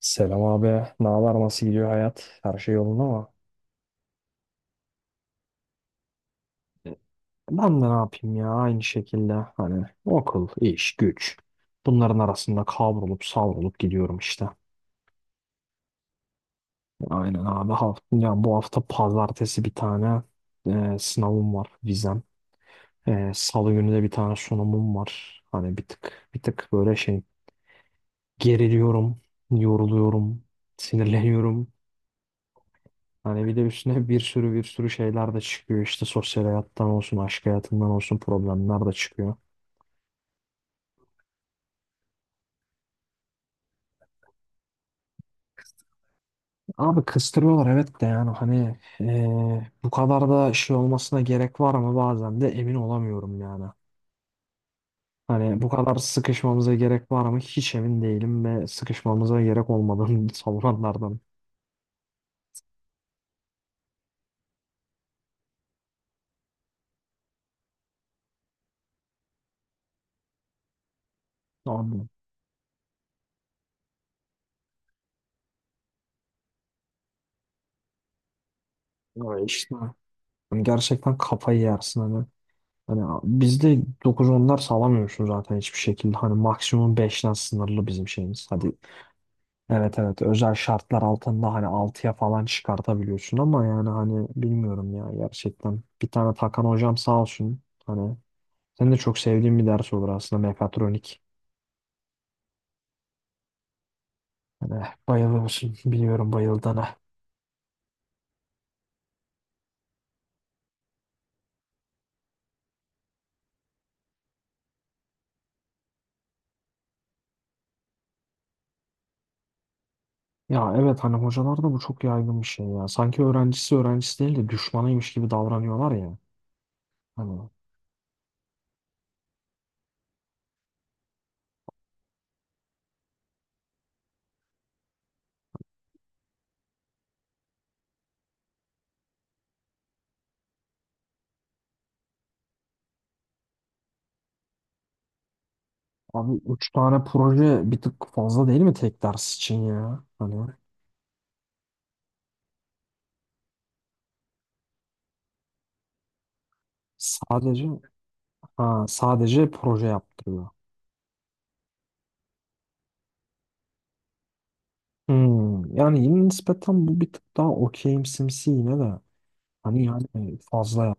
Selam abi. Ne haber? Nasıl gidiyor hayat? Her şey yolunda mı? Ben de ne yapayım ya? Aynı şekilde hani okul, iş, güç. Bunların arasında kavrulup savrulup gidiyorum işte. Aynen abi. Ya bu hafta pazartesi bir tane sınavım var, vizem. Salı günü de bir tane sunumum var. Hani bir tık bir tık böyle şey geriliyorum, yoruluyorum, sinirleniyorum. Hani bir de üstüne bir sürü bir sürü şeyler de çıkıyor. İşte sosyal hayattan olsun, aşk hayatından olsun problemler de çıkıyor. Abi kıstırıyorlar, evet, de yani hani bu kadar da şey olmasına gerek var mı bazen de emin olamıyorum yani. Hani bu kadar sıkışmamıza gerek var mı hiç emin değilim ve sıkışmamıza gerek olmadığını savunanlardan. Abi evet, işte hani gerçekten kafayı yersin hani. Hani bizde dokuz onlar sağlamıyorsun zaten hiçbir şekilde. Hani maksimum beşten sınırlı bizim şeyimiz. Hadi. Evet, evet, özel şartlar altında hani altıya falan çıkartabiliyorsun ama yani hani bilmiyorum ya gerçekten. Bir tane Takan hocam sağ olsun. Hani senin de çok sevdiğim bir ders olur aslında, mekatronik. Hani bayılıyorsun biliyorum bayıldığına. Ya evet hani hocalarda bu çok yaygın bir şey ya. Sanki öğrencisi öğrencisi değil de düşmanıymış gibi davranıyorlar ya. Hani abi 3 tane proje bir tık fazla değil mi tek ders için ya? Hani sadece ha, sadece proje yaptırıyor. Hmm, yani yine nispeten bu bir tık daha okeyimsimsi yine de. Hani yani fazla ya.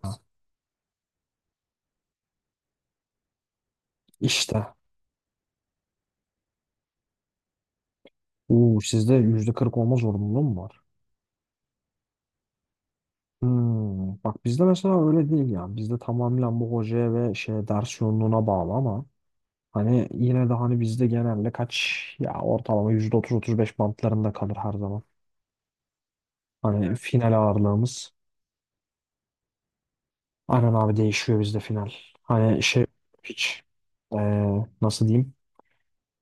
İşte. Uuu, sizde %40 olma zorunluluğu mu var? Hmm, bak bizde mesela öyle değil yani. Bizde tamamen bu hocaya ve şeye ders yoğunluğuna bağlı ama hani yine de hani bizde genelde kaç ya, ortalama %30-35 bantlarında kalır her zaman. Hani. Evet. Final ağırlığımız. Aynen abi, değişiyor bizde final. Hani şey hiç ee, nasıl diyeyim?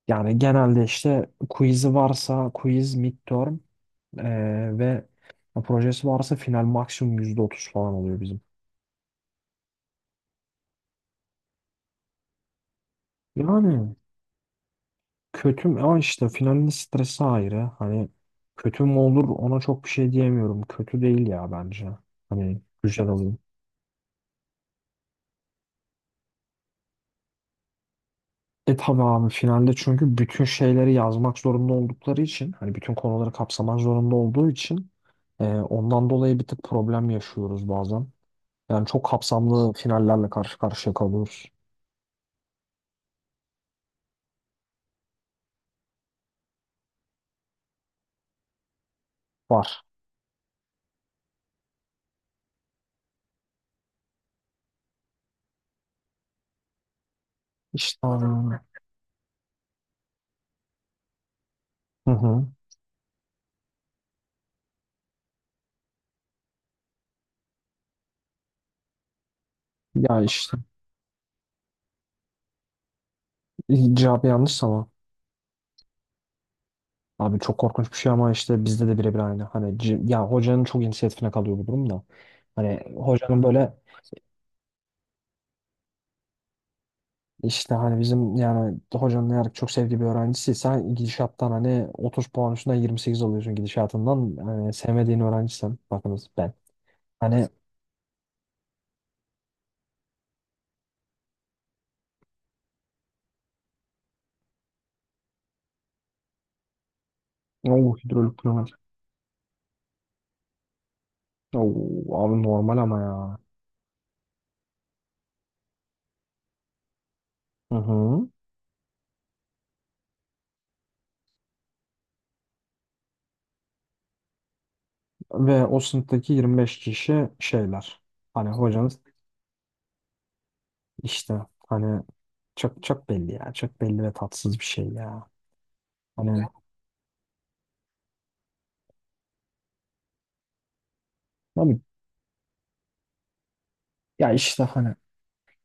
Yani genelde işte quiz'i varsa quiz midterm e, ve projesi varsa final maksimum %30 falan oluyor bizim. Yani kötü mü? Ama işte finalin stresi ayrı. Hani kötü mü olur ona çok bir şey diyemiyorum. Kötü değil ya bence. Hani güzel olur. E tabi abi finalde çünkü bütün şeyleri yazmak zorunda oldukları için hani bütün konuları kapsamak zorunda olduğu için ondan dolayı bir tık problem yaşıyoruz bazen. Yani çok kapsamlı finallerle karşı karşıya kalıyoruz. Var. İşte. Aa. Hı hı. Ya işte cevabı yanlış ama abi çok korkunç bir şey, ama işte bizde de birebir aynı. Hani ya hocanın çok inisiyatifine kalıyor bu durum da. Hani hocanın böyle işte hani bizim yani hocanın eğer çok sevdiği bir öğrencisiyse gidişattan hani 30 puan üstünden 28 alıyorsun gidişatından. Hani sevmediğin öğrencisem bakınız ben. Hani o hidrolik pneumatik. Oo, abi normal ama ya. Hı hı. Ve o sınıftaki 25 kişi şeyler. Hani hocanız işte hani çok çok belli ya. Çok belli ve tatsız bir şey ya. Hani abi ya işte hani,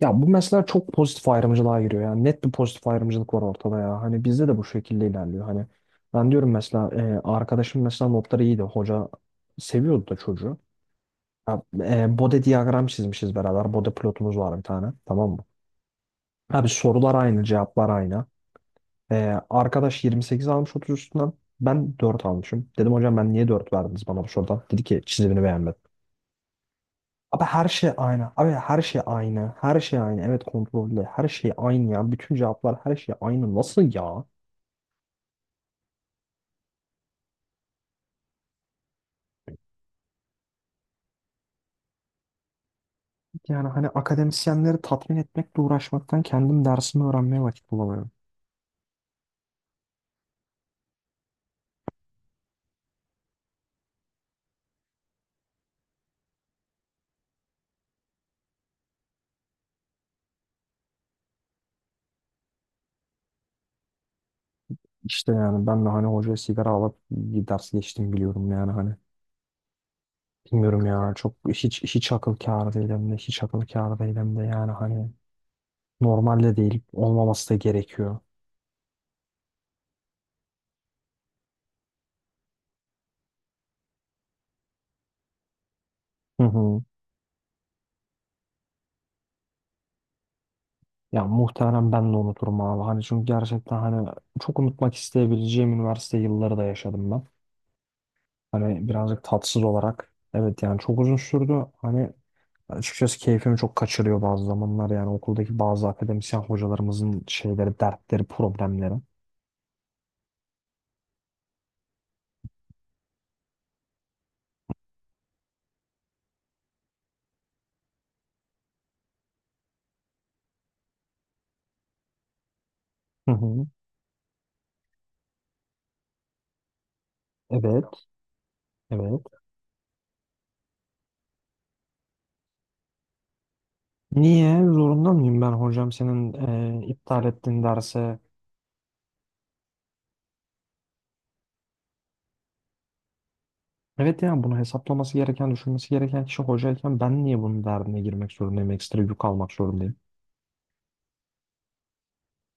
ya bu mesela çok pozitif ayrımcılığa giriyor ya. Net bir pozitif ayrımcılık var ortada ya. Hani bizde de bu şekilde ilerliyor. Hani ben diyorum mesela arkadaşım mesela notları iyiydi. Hoca seviyordu da çocuğu. Ya, Bode diyagram çizmişiz beraber. Bode plotumuz var bir tane. Tamam mı? Abi sorular aynı, cevaplar aynı. Arkadaş 28 almış 30 üstünden. Ben 4 almışım. Dedim hocam ben niye 4 verdiniz bana bu sorudan? Dedi ki çizimini beğenmedim. Abi her şey aynı. Abi her şey aynı. Her şey aynı. Evet kontrollü. Her şey aynı ya. Bütün cevaplar her şey aynı. Nasıl ya? Yani hani akademisyenleri tatmin etmekle uğraşmaktan kendim dersimi öğrenmeye vakit bulamıyorum. İşte yani ben de hani hocaya sigara alıp bir ders geçtim biliyorum yani hani. Bilmiyorum ya, çok hiç hiç akıl kârı değil hem de hiç akıl kârı değil hem de yani hani normalde değil. Olmaması da gerekiyor. Hı hı. Ya muhtemelen ben de unuturum abi. Hani çünkü gerçekten hani çok unutmak isteyebileceğim üniversite yılları da yaşadım ben. Hani birazcık tatsız olarak. Evet yani çok uzun sürdü. Hani açıkçası keyfimi çok kaçırıyor bazı zamanlar. Yani okuldaki bazı akademisyen hocalarımızın şeyleri, dertleri, problemleri. Hı hı. Evet, evet. Niye? Zorunda mıyım ben hocam senin iptal ettiğin derse. Evet yani bunu hesaplaması gereken, düşünmesi gereken kişi hocayken ben niye bunun derdine girmek zorundayım, ekstra yük almak zorundayım?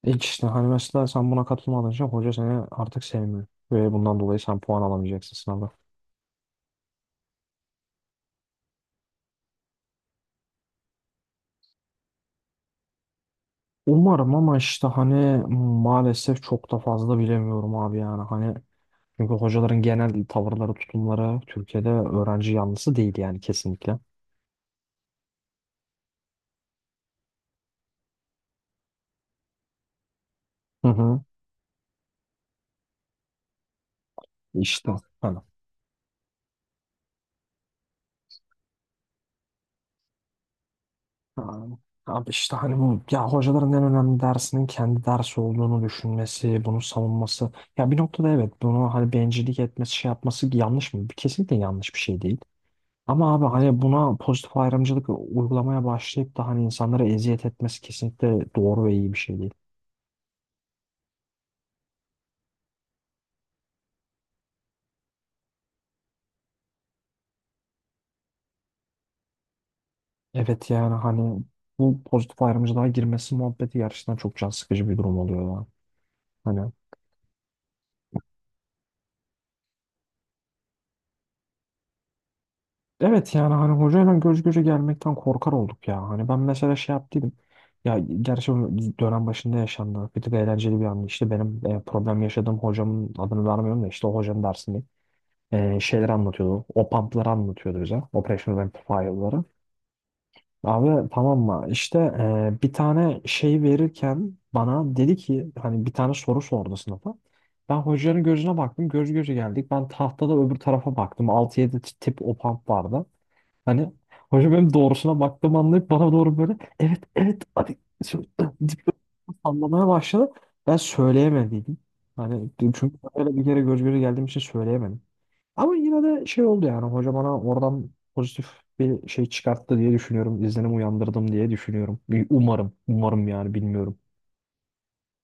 E işte hani mesela sen buna katılmadığın için hoca seni artık sevmiyor ve bundan dolayı sen puan alamayacaksın sınavda. Umarım ama işte hani maalesef çok da fazla bilemiyorum abi yani hani çünkü hocaların genel tavırları, tutumları Türkiye'de öğrenci yanlısı değil yani kesinlikle. Hı hı. İşte. Ha. Ha. Abi işte hani bu ya, hocaların en önemli dersinin kendi dersi olduğunu düşünmesi, bunu savunması. Ya bir noktada evet, bunu hani bencillik etmesi şey yapması yanlış mı? Kesinlikle yanlış bir şey değil. Ama abi hani buna pozitif ayrımcılık uygulamaya başlayıp da hani insanlara eziyet etmesi kesinlikle doğru ve iyi bir şey değil. Evet yani hani bu pozitif ayrımcılığa girmesi muhabbeti gerçekten çok can sıkıcı bir durum oluyor ya. Hani. Evet yani hani hocayla göz göze gelmekten korkar olduk ya. Hani ben mesela şey yaptıydım. Ya gerçi bu dönem başında yaşandı. Bir tık eğlenceli bir an. İşte benim problem yaşadığım hocamın adını vermiyorum da işte o hocanın dersini şeyler anlatıyordu. O pumpları anlatıyordu bize. Operational Amplifier'ları. Abi tamam mı? İşte bir tane şey verirken bana dedi ki hani bir tane soru sordu sınıfa. Ben hocanın gözüne baktım. Göz göze geldik. Ben tahtada öbür tarafa baktım. Altı yedi tip o pump vardı. Hani hoca benim doğrusuna baktığımı anlayıp bana doğru böyle evet evet hadi şöyle deyip böyle sallamaya başladı. Ben söyleyemediydim. Hani çünkü öyle bir kere göz göze geldiğim için söyleyemedim. Ama yine de şey oldu yani hoca bana oradan pozitif bir şey çıkarttı diye düşünüyorum. İzlenim uyandırdım diye düşünüyorum. Bir umarım. Umarım yani bilmiyorum.